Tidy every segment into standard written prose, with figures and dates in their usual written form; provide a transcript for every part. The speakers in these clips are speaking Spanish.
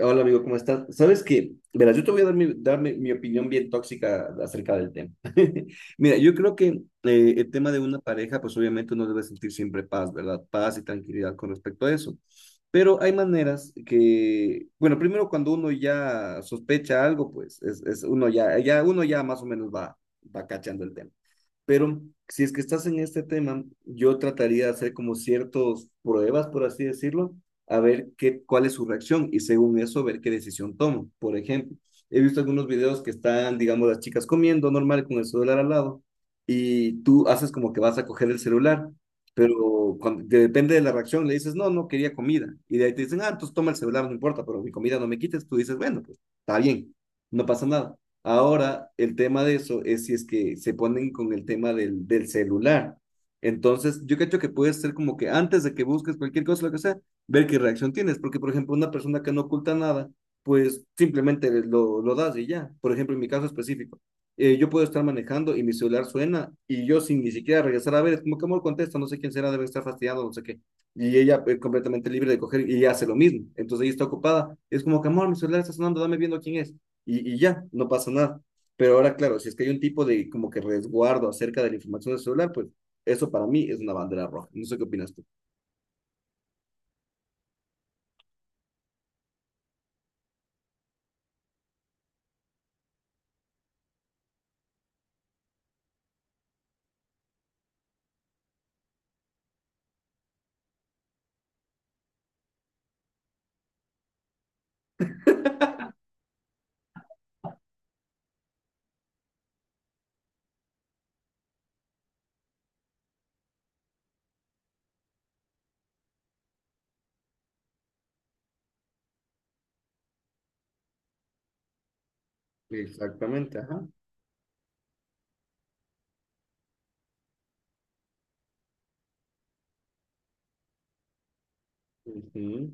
Hola amigo, ¿cómo estás? Sabes que, verás, yo te voy a dar mi opinión bien tóxica acerca del tema. Mira, yo creo que el tema de una pareja, pues obviamente uno debe sentir siempre paz, ¿verdad? Paz y tranquilidad con respecto a eso. Pero hay maneras que, bueno, primero cuando uno ya sospecha algo, pues es uno ya más o menos va, va cachando el tema. Pero si es que estás en este tema, yo trataría de hacer como ciertas pruebas, por así decirlo, a ver cuál es su reacción y según eso ver qué decisión tomo. Por ejemplo, he visto algunos videos que están, digamos, las chicas comiendo normal con el celular al lado y tú haces como que vas a coger el celular, pero cuando, depende de la reacción, le dices, no, no quería comida. Y de ahí te dicen, ah, entonces toma el celular, no importa, pero mi comida no me quites. Tú dices, bueno, pues está bien, no pasa nada. Ahora, el tema de eso es si es que se ponen con el tema del celular. Entonces, yo creo que puede ser como que antes de que busques cualquier cosa, lo que sea, ver qué reacción tienes. Porque, por ejemplo, una persona que no oculta nada, pues simplemente lo das y ya. Por ejemplo, en mi caso específico, yo puedo estar manejando y mi celular suena y yo sin ni siquiera regresar a ver, es como que amor contesta, no sé quién será, debe estar fastidiado, no sé qué. Y ella es completamente libre de coger y hace lo mismo. Entonces ella está ocupada. Es como que amor, mi celular está sonando, dame viendo quién es y ya, no pasa nada. Pero ahora, claro, si es que hay un tipo de como que resguardo acerca de la información del celular, pues eso para mí es una bandera roja. No sé qué opinas tú. Exactamente, ajá. Ujú.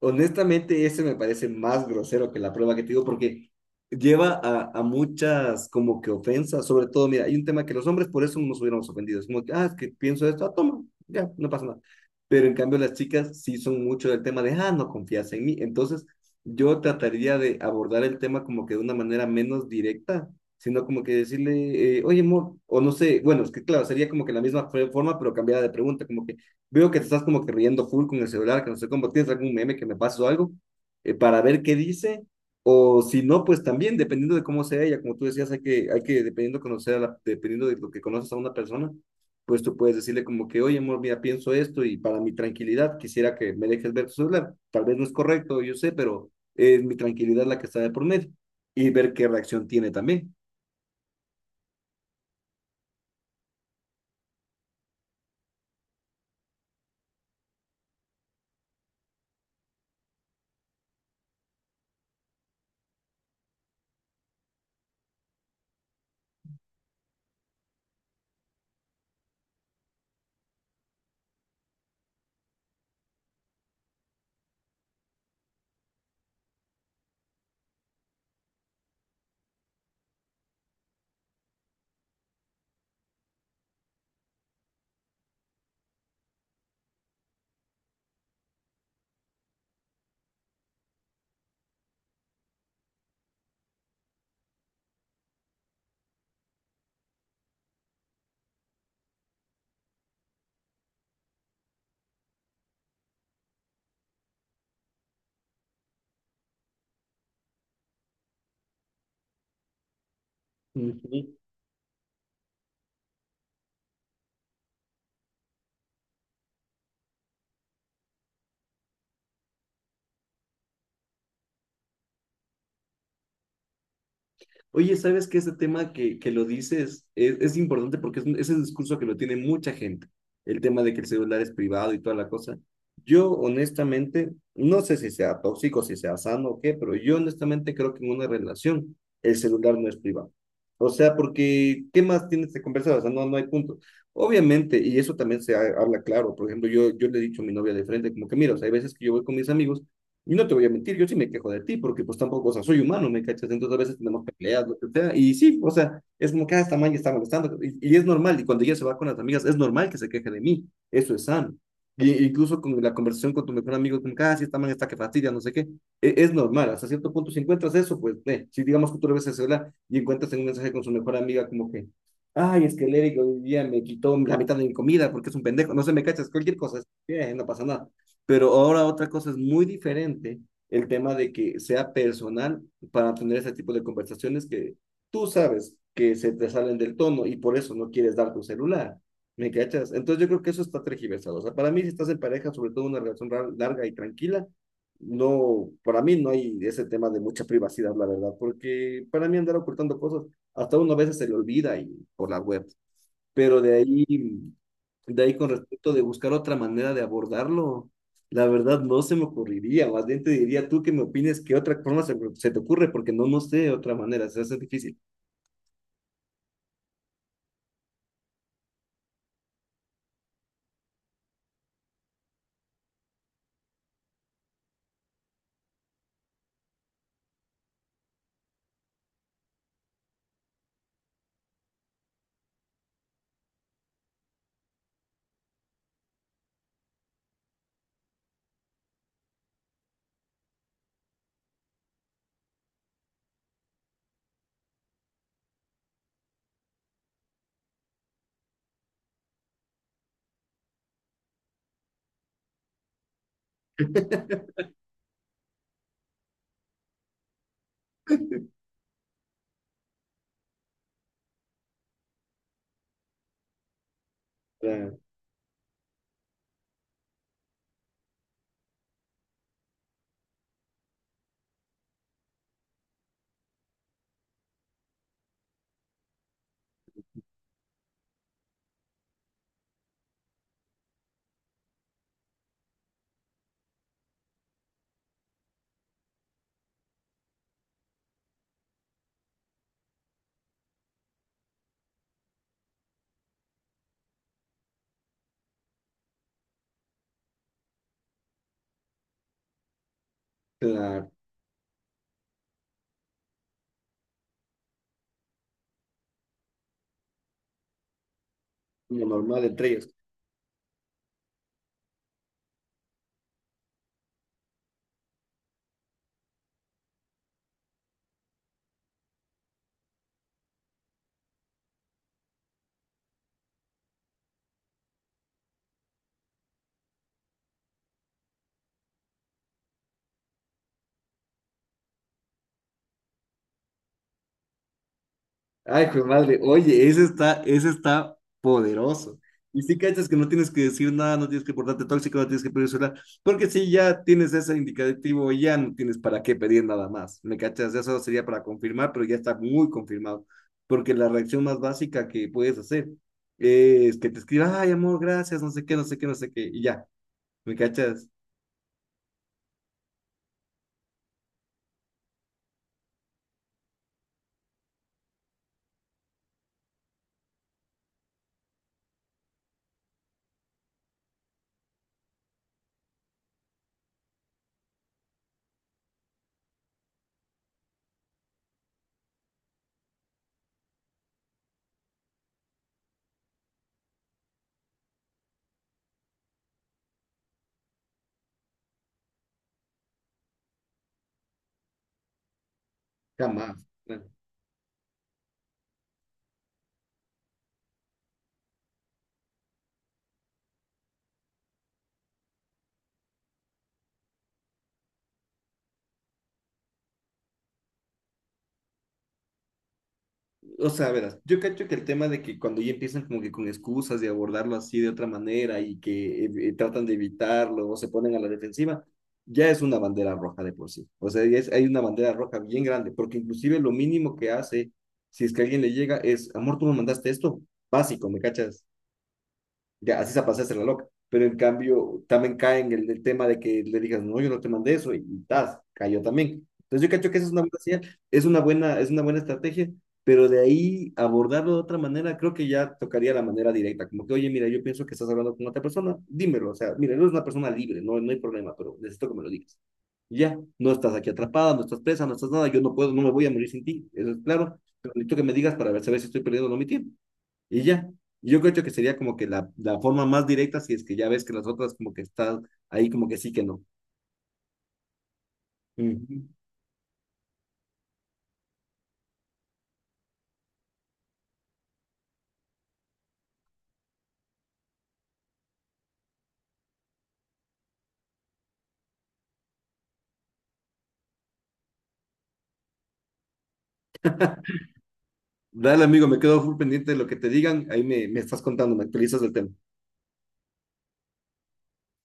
Honestamente, ese me parece más grosero que la prueba que te digo, porque lleva a muchas como que ofensas, sobre todo, mira, hay un tema que los hombres por eso nos hubiéramos ofendido, es como que, ah, es que pienso esto, ah, toma, ya, no pasa nada. Pero en cambio las chicas sí son mucho del tema de, ah, no confías en mí. Entonces, yo trataría de abordar el tema como que de una manera menos directa, sino como que decirle, oye, amor, o no sé, bueno, es que claro, sería como que la misma forma, pero cambiada de pregunta, como que veo que te estás como que riendo full con el celular, que no sé cómo, ¿tienes algún meme que me pases o algo? Para ver qué dice, o si no, pues también, dependiendo de cómo sea ella, como tú decías, hay que dependiendo, conocer dependiendo de lo que conoces a una persona, pues tú puedes decirle como que, oye, amor, mira, pienso esto y para mi tranquilidad quisiera que me dejes ver tu celular. Tal vez no es correcto, yo sé, pero es mi tranquilidad la que está de por medio y ver qué reacción tiene también. Ujú. Oye, ¿sabes que ese tema que lo dices es importante porque es, es el discurso que lo tiene mucha gente? El tema de que el celular es privado y toda la cosa. Yo honestamente, no sé si sea tóxico, si sea sano o qué, pero yo honestamente creo que en una relación el celular no es privado. O sea, porque ¿qué más tienes que conversar? O sea, no hay punto. Obviamente, y eso también habla claro. Por ejemplo, yo le he dicho a mi novia de frente, como que mira, o sea, hay veces que yo voy con mis amigos y no te voy a mentir, yo sí me quejo de ti, porque pues tampoco, o sea, soy humano, ¿me cachas? Entonces a veces tenemos peleas, lo que sea, y sí, o sea, es como que, ah, esta man ya está molestando, y es normal, y cuando ella se va con las amigas, es normal que se queje de mí, eso es sano. Y, incluso con la conversación con tu mejor amigo, como que, ah, sí, esta man está que fastidia, no sé qué, es normal, hasta cierto punto, si encuentras eso, pues, si digamos que tú le ves el celular y encuentras en un mensaje con su mejor amiga, como que, ay, es que el Eric hoy día me quitó la mitad de mi comida porque es un pendejo, no sé, me cachas, cualquier cosa, es, no pasa nada. Pero ahora otra cosa es muy diferente, el tema de que sea personal para tener ese tipo de conversaciones que tú sabes que se te salen del tono y por eso no quieres dar tu celular. ¿Me cachas? Entonces yo creo que eso está tergiversado. O sea, para mí si estás en pareja, sobre todo una relación larga y tranquila, no, para mí no hay ese tema de mucha privacidad, la verdad, porque para mí andar ocultando cosas, hasta uno a veces se le olvida y por la web. Pero de ahí con respecto de buscar otra manera de abordarlo, la verdad no se me ocurriría, más bien te diría tú que me opines qué otra forma se te ocurre, porque no sé otra manera, se hace difícil, la, la normal entre ellos. Ay, hijo de madre, oye, ese está poderoso. Y si cachas que no tienes que decir nada, no tienes que portarte tóxico, no tienes que pedir celular, porque si ya tienes ese indicativo, ya no tienes para qué pedir nada más. ¿Me cachas? Eso sería para confirmar, pero ya está muy confirmado. Porque la reacción más básica que puedes hacer es que te escriba, ay, amor, gracias, no sé qué, no sé qué, no sé qué, y ya. ¿Me cachas? Jamás. O sea, verás, yo cacho que el tema de que cuando ya empiezan como que con excusas de abordarlo así de otra manera y que tratan de evitarlo o se ponen a la defensiva, ya es una bandera roja de por sí. O sea, ya es, hay una bandera roja bien grande, porque inclusive lo mínimo que hace, si es que alguien le llega, es, amor, tú me mandaste esto, básico, ¿me cachas? Ya así se pasaste la loca. Pero en cambio, también cae en el tema de que le digas, no, yo no te mandé eso, y tas, cayó también. Entonces yo cacho que esa es una buena señal, es una buena estrategia, pero de ahí abordarlo de otra manera, creo que ya tocaría la manera directa, como que, oye, mira, yo pienso que estás hablando con otra persona, dímelo, o sea, mira, eres una persona libre, no hay problema, pero necesito que me lo digas. Y ya, no estás aquí atrapada, no estás presa, no estás nada, yo no puedo, no me voy a morir sin ti, eso es claro, pero necesito que me digas para ver, saber si estoy perdiendo o no mi tiempo. Y ya, yo creo que sería como que la forma más directa si es que ya ves que las otras como que están ahí como que sí que no. Ujú. Dale, amigo, me quedo full pendiente de lo que te digan. Me estás contando, me actualizas el tema.